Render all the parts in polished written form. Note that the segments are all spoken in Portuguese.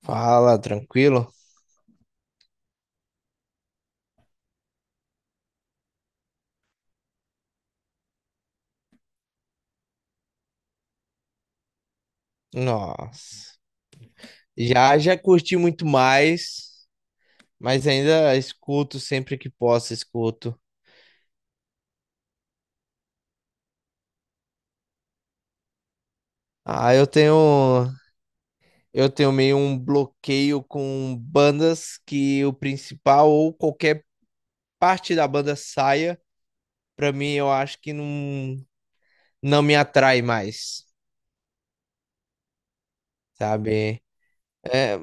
Fala, tranquilo? Nossa. Já curti muito mais, mas ainda escuto sempre que posso, escuto. Ah, eu tenho meio um bloqueio com bandas que o principal ou qualquer parte da banda saia, pra mim eu acho que não me atrai mais, sabe? É,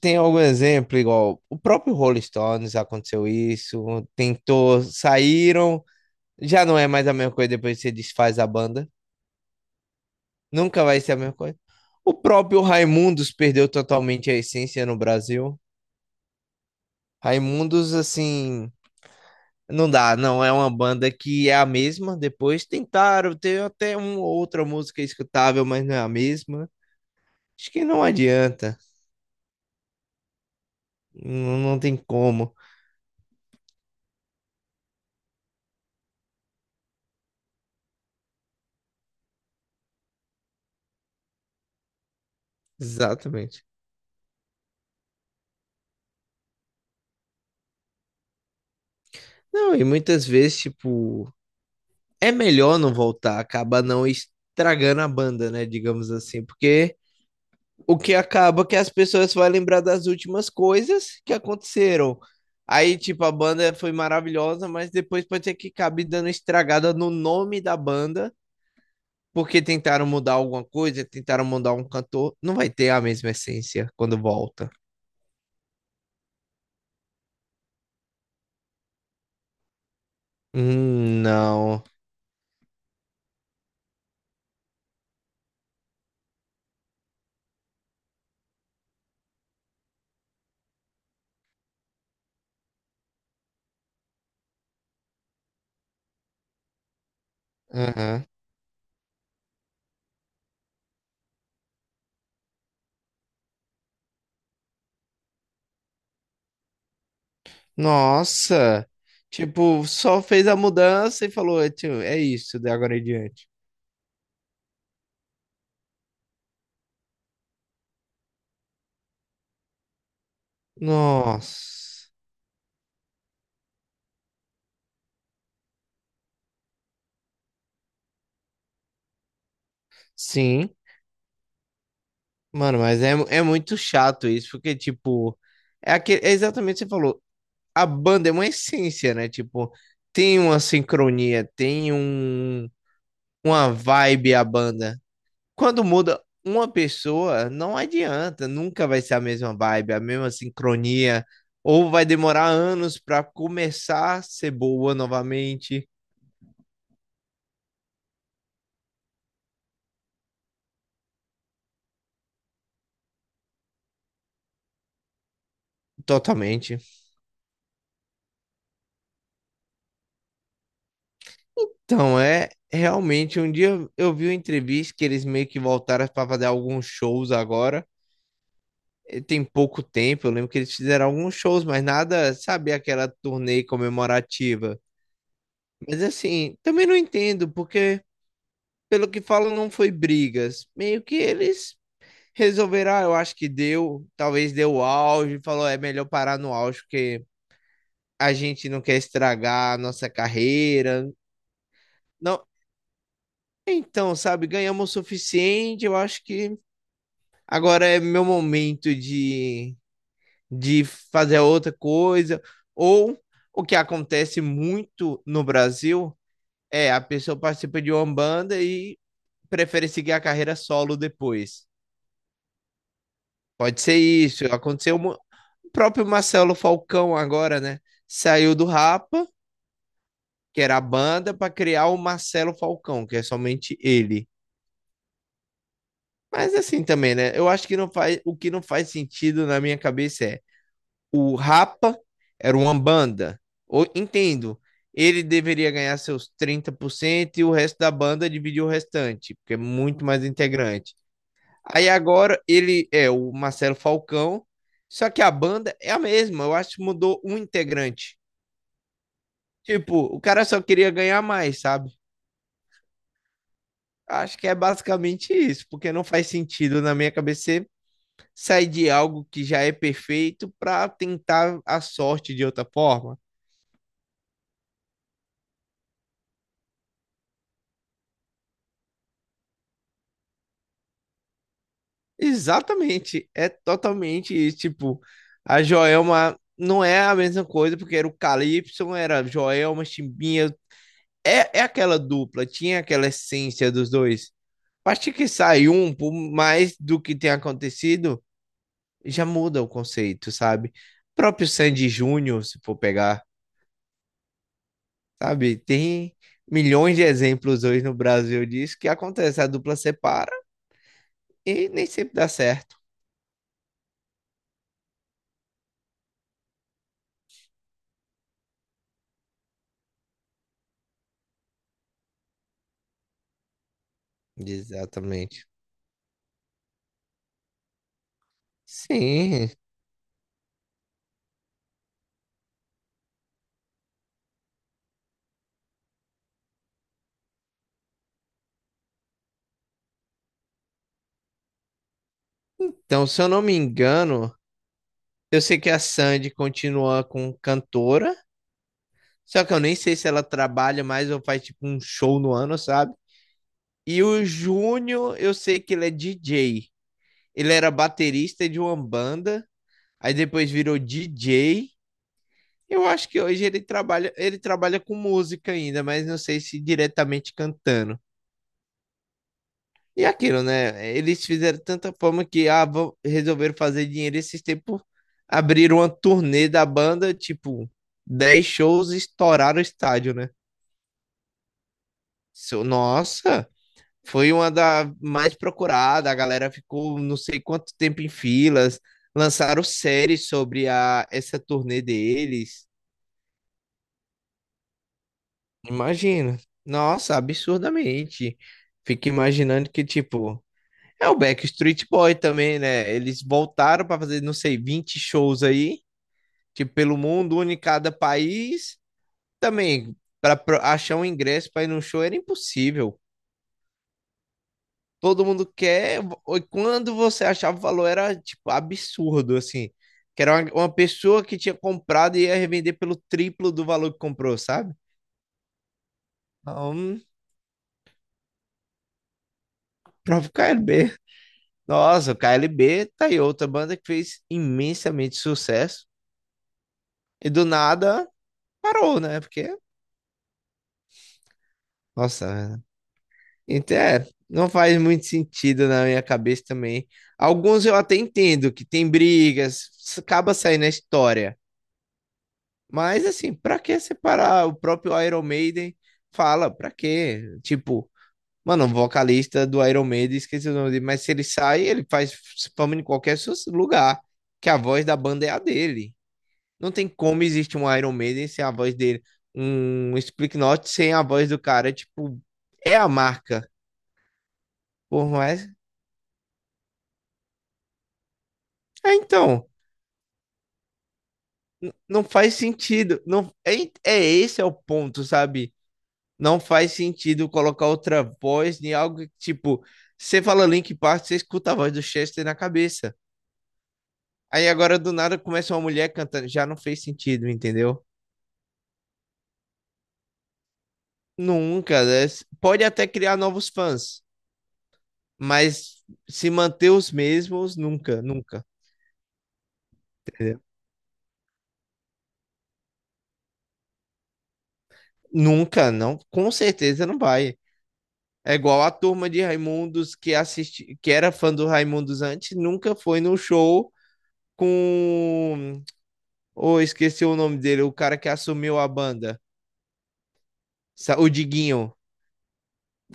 tem algum exemplo igual o próprio Rolling Stones, aconteceu isso, tentou, saíram. Já não é mais a mesma coisa depois que você desfaz a banda. Nunca vai ser a mesma coisa. O próprio Raimundos perdeu totalmente a essência no Brasil. Raimundos, assim, não dá, não é uma banda que é a mesma. Depois tentaram ter até uma outra música escutável, mas não é a mesma. Acho que não adianta, não tem como. Exatamente. Não, e muitas vezes, tipo, é melhor não voltar, acaba não estragando a banda, né? Digamos assim, porque o que acaba que as pessoas vão lembrar das últimas coisas que aconteceram. Aí, tipo, a banda foi maravilhosa, mas depois pode ser que acabe dando estragada no nome da banda, porque tentaram mudar alguma coisa, tentaram mudar um cantor. Não vai ter a mesma essência quando volta. Não. Aham. Nossa. Tipo, só fez a mudança e falou, "Tio, é isso, de agora em diante." Nossa. Sim. Mano, mas é, é muito chato isso, porque, tipo, é, é exatamente o que você falou. A banda é uma essência, né? Tipo, tem uma sincronia, tem uma vibe a banda. Quando muda uma pessoa, não adianta, nunca vai ser a mesma vibe, a mesma sincronia, ou vai demorar anos pra começar a ser boa novamente. Totalmente. Então, é realmente, um dia eu vi uma entrevista que eles meio que voltaram para fazer alguns shows agora. Tem pouco tempo. Eu lembro que eles fizeram alguns shows, mas nada, sabe, aquela turnê comemorativa. Mas assim, também não entendo, porque pelo que falam, não foi brigas. Meio que eles resolveram, ah, eu acho que deu, talvez deu o auge, falou, é melhor parar no auge, porque a gente não quer estragar a nossa carreira. Não, então, sabe, ganhamos o suficiente, eu acho que agora é meu momento de fazer outra coisa. Ou o que acontece muito no Brasil é a pessoa participa de uma banda e prefere seguir a carreira solo depois. Pode ser isso. Aconteceu o próprio Marcelo Falcão agora, né? Saiu do Rapa, que era a banda, para criar o Marcelo Falcão, que é somente ele. Mas assim também, né? Eu acho que não faz, o que não faz sentido na minha cabeça é o Rapa era uma banda. Entendo. Ele deveria ganhar seus 30% e o resto da banda dividir o restante, porque é muito mais integrante. Aí agora ele é o Marcelo Falcão, só que a banda é a mesma. Eu acho que mudou um integrante. Tipo, o cara só queria ganhar mais, sabe? Acho que é basicamente isso, porque não faz sentido na minha cabeça sair de algo que já é perfeito para tentar a sorte de outra forma. Exatamente, é totalmente isso. Tipo, a Joelma não é a mesma coisa, porque era o Calypso, era Joelma, Chimbinha. É, é aquela dupla, tinha aquela essência dos dois. A partir que sai um, por mais do que tem acontecido, já muda o conceito, sabe? O próprio Sandy Júnior, se for pegar, sabe? Tem milhões de exemplos hoje no Brasil disso que acontece. A dupla separa e nem sempre dá certo. Exatamente. Sim. Então, se eu não me engano, eu sei que a Sandy continua com cantora, só que eu nem sei se ela trabalha mais ou faz tipo um show no ano, sabe? E o Júnior, eu sei que ele é DJ. Ele era baterista de uma banda, aí depois virou DJ. Eu acho que hoje ele trabalha com música ainda, mas não sei se diretamente cantando. E aquilo, né? Eles fizeram tanta fama que ah, vão- resolveram fazer dinheiro esses tempos. Abriram uma turnê da banda, tipo, 10 shows, e estouraram o estádio, né? Nossa, foi uma da mais procurada. A galera ficou não sei quanto tempo em filas. Lançaram séries sobre a, essa turnê deles. Imagina. Nossa, absurdamente. Fico imaginando que, tipo, é o Backstreet Boy também, né? Eles voltaram para fazer, não sei, 20 shows aí, tipo, pelo mundo, um em cada país. Também, para achar um ingresso para ir num show era impossível. Todo mundo quer. E quando você achava o valor, era, tipo, absurdo, assim. Que era uma pessoa que tinha comprado e ia revender pelo triplo do valor que comprou, sabe? Então, próprio KLB. Nossa, o KLB tá aí, outra banda que fez imensamente sucesso. E do nada parou, né? Porque nossa, então é, não faz muito sentido na minha cabeça também. Alguns eu até entendo que tem brigas, acaba saindo a história. Mas assim, pra que separar? O próprio Iron Maiden fala, pra quê? Tipo, mano, o vocalista do Iron Maiden, esqueci o nome dele, mas se ele sai, ele faz fama em qualquer lugar, que a voz da banda é a dele. Não tem como existir um Iron Maiden sem a voz dele, um Slipknot sem a voz do cara, tipo, é a marca. Por mais é, então, não faz sentido. Não, é, é esse é o ponto, sabe? Não faz sentido colocar outra voz em algo que, tipo, você fala Link Park, você escuta a voz do Chester na cabeça. Aí agora do nada começa uma mulher cantando, já não fez sentido, entendeu? Nunca, né? Pode até criar novos fãs, mas se manter os mesmos, nunca, nunca, entendeu? Nunca, não, com certeza não vai. É igual a turma de Raimundos que assisti, que era fã do Raimundos antes, nunca foi no show com. Oh, esqueci o nome dele, o cara que assumiu a banda, o Diguinho,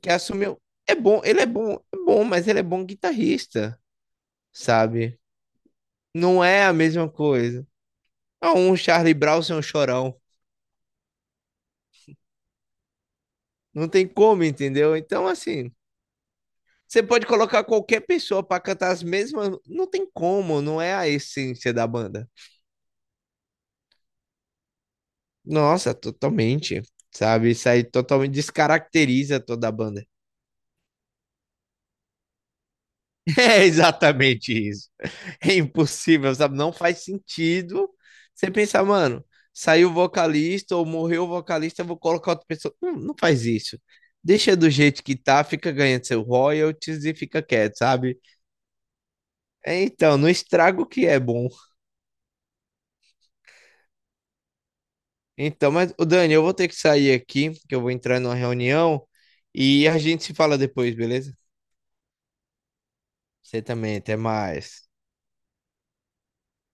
que assumiu. É bom, ele é bom, mas ele é bom guitarrista, sabe? Não é a mesma coisa. Ah, um Charlie Brown sem um chorão. Não tem como, entendeu? Então, assim, você pode colocar qualquer pessoa pra cantar as mesmas. Não tem como, não é a essência da banda. Nossa, totalmente. Sabe, isso aí totalmente descaracteriza toda a banda. É exatamente isso. É impossível, sabe? Não faz sentido você pensar, mano, saiu o vocalista ou morreu o vocalista, eu vou colocar outra pessoa. Não, não faz isso. Deixa do jeito que tá, fica ganhando seu royalties e fica quieto, sabe? É, então, não estraga o que é bom. Então, mas, ô Dani, eu vou ter que sair aqui, que eu vou entrar numa reunião e a gente se fala depois, beleza? Você também, até mais.